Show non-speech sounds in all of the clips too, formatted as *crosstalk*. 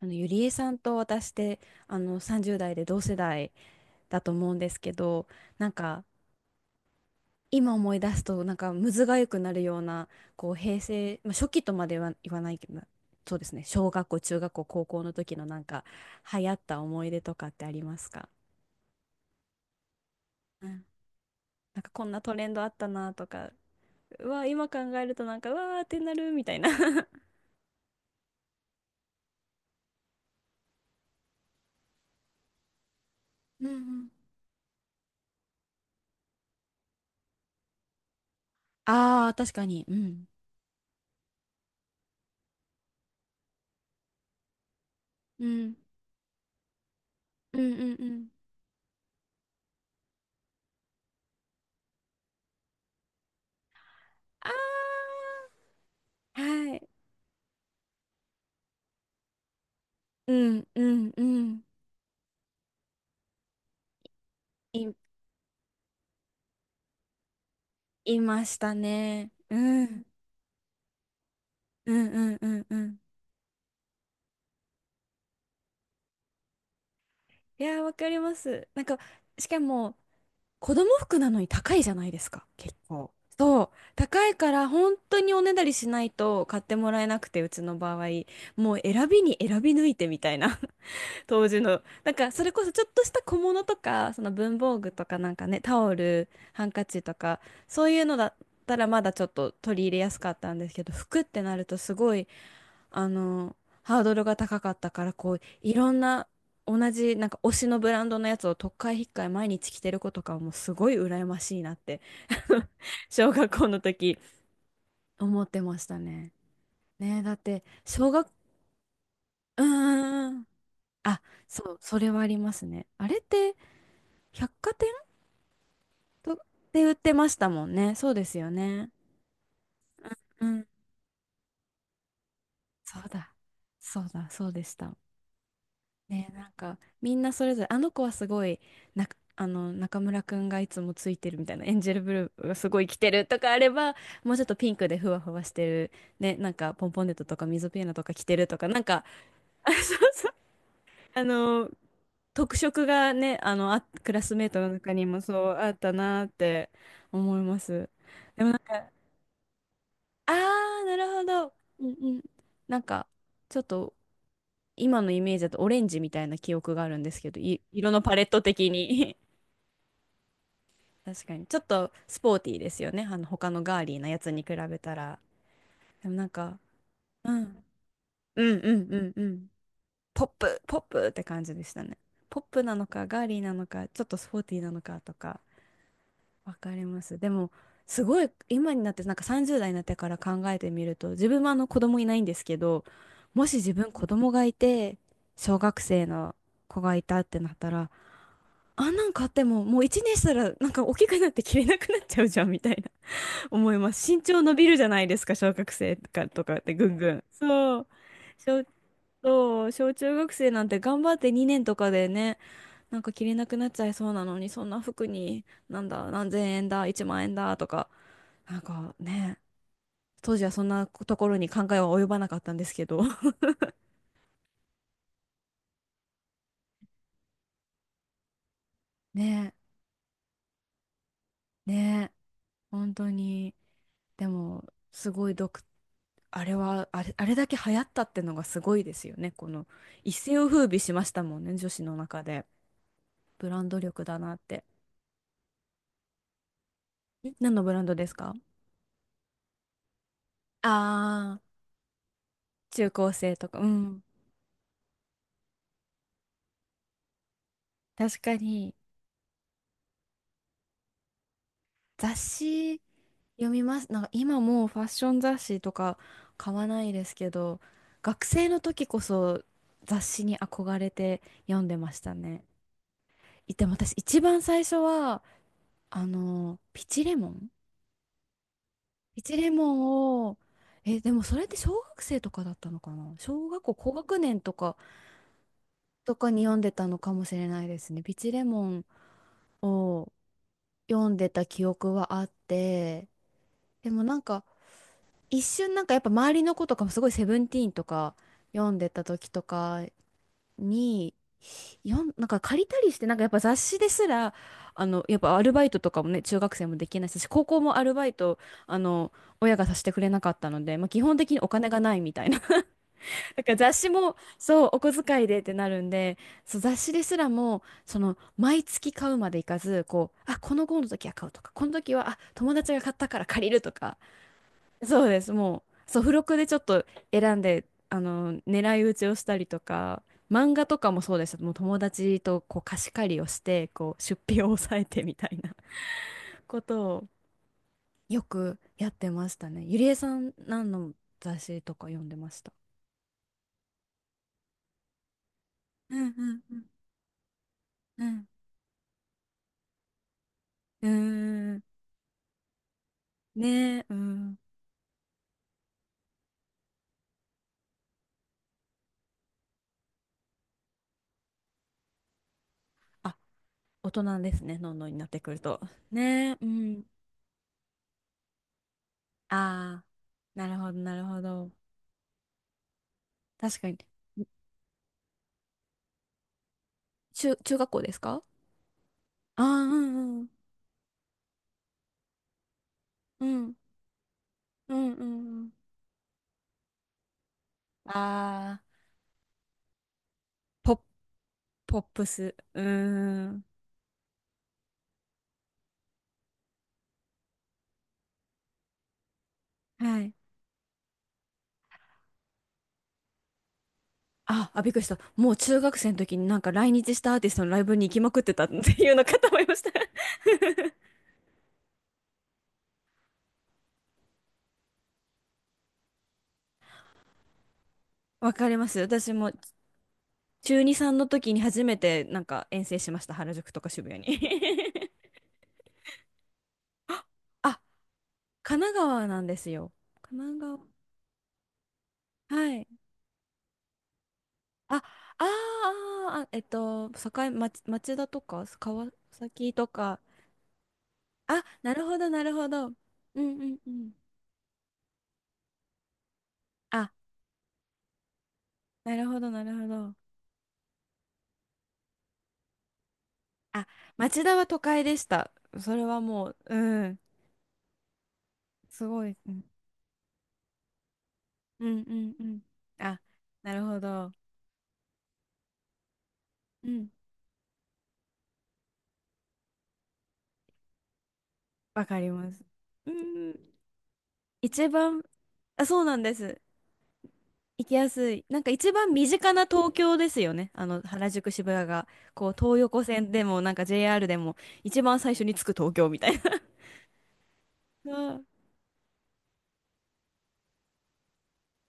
ゆりえさんと私って、30代で同世代だと思うんですけど、なんか、今思い出すと、なんか、むずがゆくなるような、こう、平成、まあ、初期とまでは言わないけど、そうですね、小学校、中学校、高校の時のなんか、流行った思い出とかってありますか？うん。なんか、こんなトレンドあったなとか、うわ、今考えるとなんか、うわーってなるみたいな *laughs* うんうん。ああ、確かに。うん。うん。うんうんうん。ああ、はい。うんうんうん。い、いましたね。うん。うんうんうんうん。いやー、わかります。なんか、しかも、子供服なのに高いじゃないですか、結構。そう。高いから、本当におねだりしないと買ってもらえなくて、うちの場合。もう選びに選び抜いてみたいな *laughs* 当時の。なんか、それこそちょっとした小物とか、その文房具とかなんかね、タオル、ハンカチとか、そういうのだったらまだちょっと取り入れやすかったんですけど、服ってなるとすごい、あの、ハードルが高かったから、こう、いろんな、同じ、なんか推しのブランドのやつをとっかえひっかえ毎日着てる子とかはもうすごい羨ましいなって *laughs* 小学校の時思ってましたね。ねえ、だって、小学、うーん。あ、そう、それはありますね。あれって、百貨店とって売ってましたもんね。そうですよね。うん。そうだ。そうだ、そうでした。ね、なんかみんなそれぞれあの子はすごいな、あの中村くんがいつもついてるみたいなエンジェルブルーがすごい着てるとかあれば、もうちょっとピンクでふわふわしてるね、なんかポンポンデットとか水ピエナとか着てるとかなんか、 *laughs* あ、そうそう、あの特色がね、クラスメートの中にもそうあったなーって思います。でもなんか、あーなるほど。うんうん。なんかちょっと今のイメージだとオレンジみたいな記憶があるんですけど、色のパレット的に。 *laughs* 確かに。ちょっとスポーティーですよね。他のガーリーなやつに比べたら。でもなんか、うん、うんうんうんうん。ポップって感じでしたね。ポップなのか、ガーリーなのか、ちょっとスポーティーなのかとか、わかります。でも、すごい、今になって、なんか30代になってから考えてみると、自分はあの子供いないんですけど、もし自分子供がいて、小学生の子がいたってなったら、あんなん買ってももう1年したらなんか大きくなって着れなくなっちゃうじゃんみたいな。 *laughs* 思います。身長伸びるじゃないですか、小学生とか、ってぐんぐん。そう小、そう、小中学生なんて頑張って2年とかでね、なんか着れなくなっちゃいそうなのにそんな服になんだ何千円だ1万円だとか、なんかね、当時はそんなところに考えは及ばなかったんですけど。 *laughs* ねねえ、本当に。でも、すごい独、あれは、あれ、あれだけ流行ったってのがすごいですよね。この一世を風靡しましたもんね、女子の中で。ブランド力だなって。何のブランドですか？ああー、中高生とか。うん。確かに、雑誌読みます。なんか今もうファッション雑誌とか買わないですけど、学生の時こそ雑誌に憧れて読んでましたね。でも私一番最初はあのピチレモンピチレモンを、でもそれって小学生とかだったのかな、小学校高学年とかに読んでたのかもしれないですね。ピチレモンを読んでた記憶はあって、でもなんか一瞬、なんかやっぱ周りの子とかもすごい「セブンティーン」とか読んでた時とかになんか借りたりして、なんかやっぱ雑誌ですら、やっぱアルバイトとかもね、中学生もできないし、高校もアルバイト、あの、親がさせてくれなかったので、まあ、基本的にお金がないみたいな。*laughs* だから雑誌も、そう、お小遣いでってなるんで、そう、雑誌ですらも、その、毎月買うまでいかず、こう、あ、この号の時は買うとか、この時は、あ、友達が買ったから借りるとか、そうです。もう、そう、付録でちょっと選んで、狙い撃ちをしたりとか、漫画とかもそうでした。もう友達とこう貸し借りをして、こう出費を抑えてみたいな *laughs* ことをよくやってましたね。ゆりえさん、何の雑誌とか読んでました？うんうんうんうん。うーん。ねえ、うん。あ、大人ですね、のんのになってくると。ねえ、うん。ああ、なるほど、なるほど。確かに。中学校ですか？ああー、うんうんうん、うん、うん。うん。ああ、ポ、ポップス。うーん。はい。あ、びっくりした。もう中学生の時になんか来日したアーティストのライブに行きまくってたっていうのかと思いました。*laughs* わかります。私も中2、3の時に初めてなんか遠征しました。原宿とか渋谷に。*laughs* あ、神奈川なんですよ。神奈川。はい。あ、町田とか、川崎とか。あ、なるほど、なるほど。うんうんうん。あ、なるほど、なるほど。あ、町田は都会でした。それはもう、うん、すごい。うん、うん、うんうん。あ、なるほど。うん、わかります。うん、一番、あ、そうなんです。行きやすい。なんか一番身近な東京ですよね。原宿渋谷が、こう、東横線でも、なんか JR でも、一番最初に着く東京みたいな。そうん、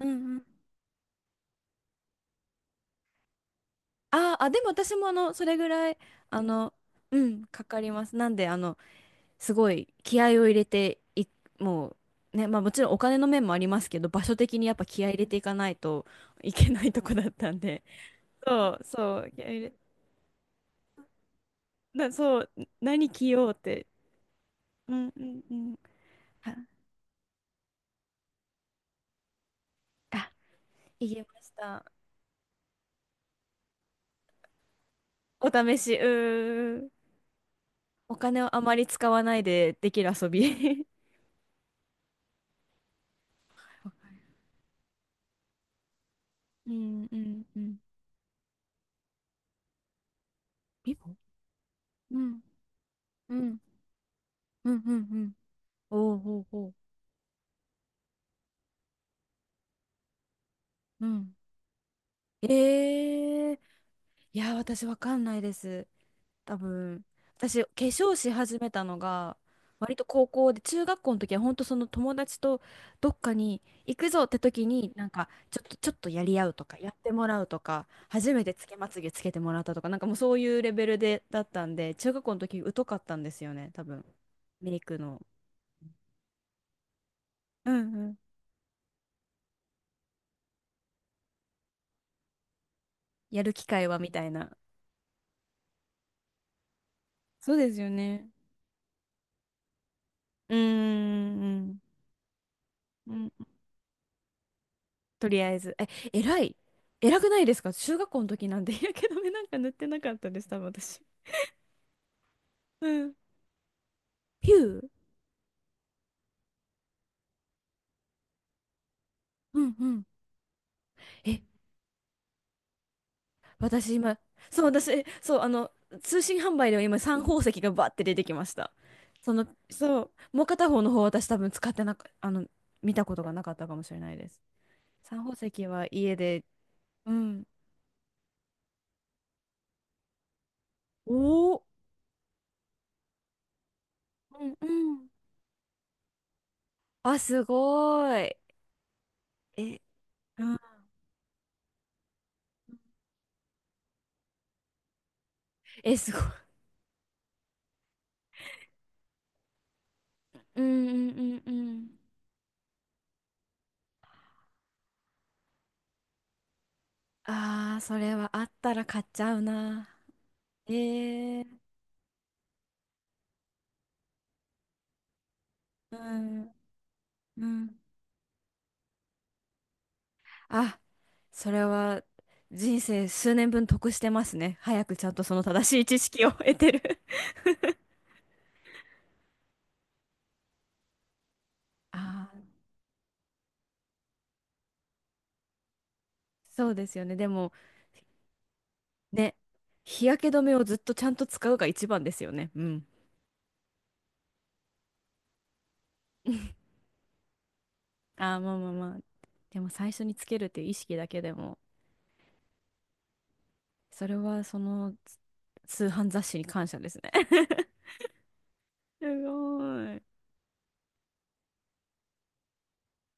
うんうん。あーあ、でも私もあの、それぐらい、あの、うん、かかります。なんで、すごい気合を入れてもうね、まあもちろんお金の面もありますけど、場所的にやっぱ気合入れていかないといけないとこだったんで。*laughs* そうそう、気合入れ、な、そう、何着ようって。うんうんうん。はあ、言えました。お試し、うーん。お金をあまり使わないでできる遊び。*laughs* うんうんうん。リボ。うんうんうんうんうん。おうおうおう。うん。ええ。いや、私わかんないです。多分私化粧し始めたのが割と高校で、中学校の時は本当その友達とどっかに行くぞって時になんかちょっとちょっとやり合うとかやってもらうとか、初めてつけまつげつけてもらったとか、なんかもうそういうレベルでだったんで、中学校の時疎かったんですよね多分。メイクの、うんうん、やる機会はみたいな。そうですよね。うーん、うんうん、とりあえず。え、偉い。偉くないですか、中学校の時なんで日焼け止め *laughs* なんか塗ってなかったです、多分私。うん。ピュー。うんうん。え、私今、そう、私、そう、通信販売では今、三宝石がバッて出てきました。その、そう、もう片方の方、私多分使ってなか、あの、見たことがなかったかもしれないです。三宝石は家で、うん。おお、うんうん。あ、すごい。え、うん。え、すごい。うんうんうんうん。ああ、それはあったら買っちゃうな。ええ。うん、うん。あ、それは人生数年分得してますね。早くちゃんとその正しい知識を *laughs* 得てる。 *laughs* ああ、そうですよね。でも、ね、日焼け止めをずっとちゃんと使うが一番ですよね。うん。*laughs* ああ、まあまあまあ。でも最初につけるっていう意識だけでも、それはその通販雑誌に感謝ですね。*laughs* すごい。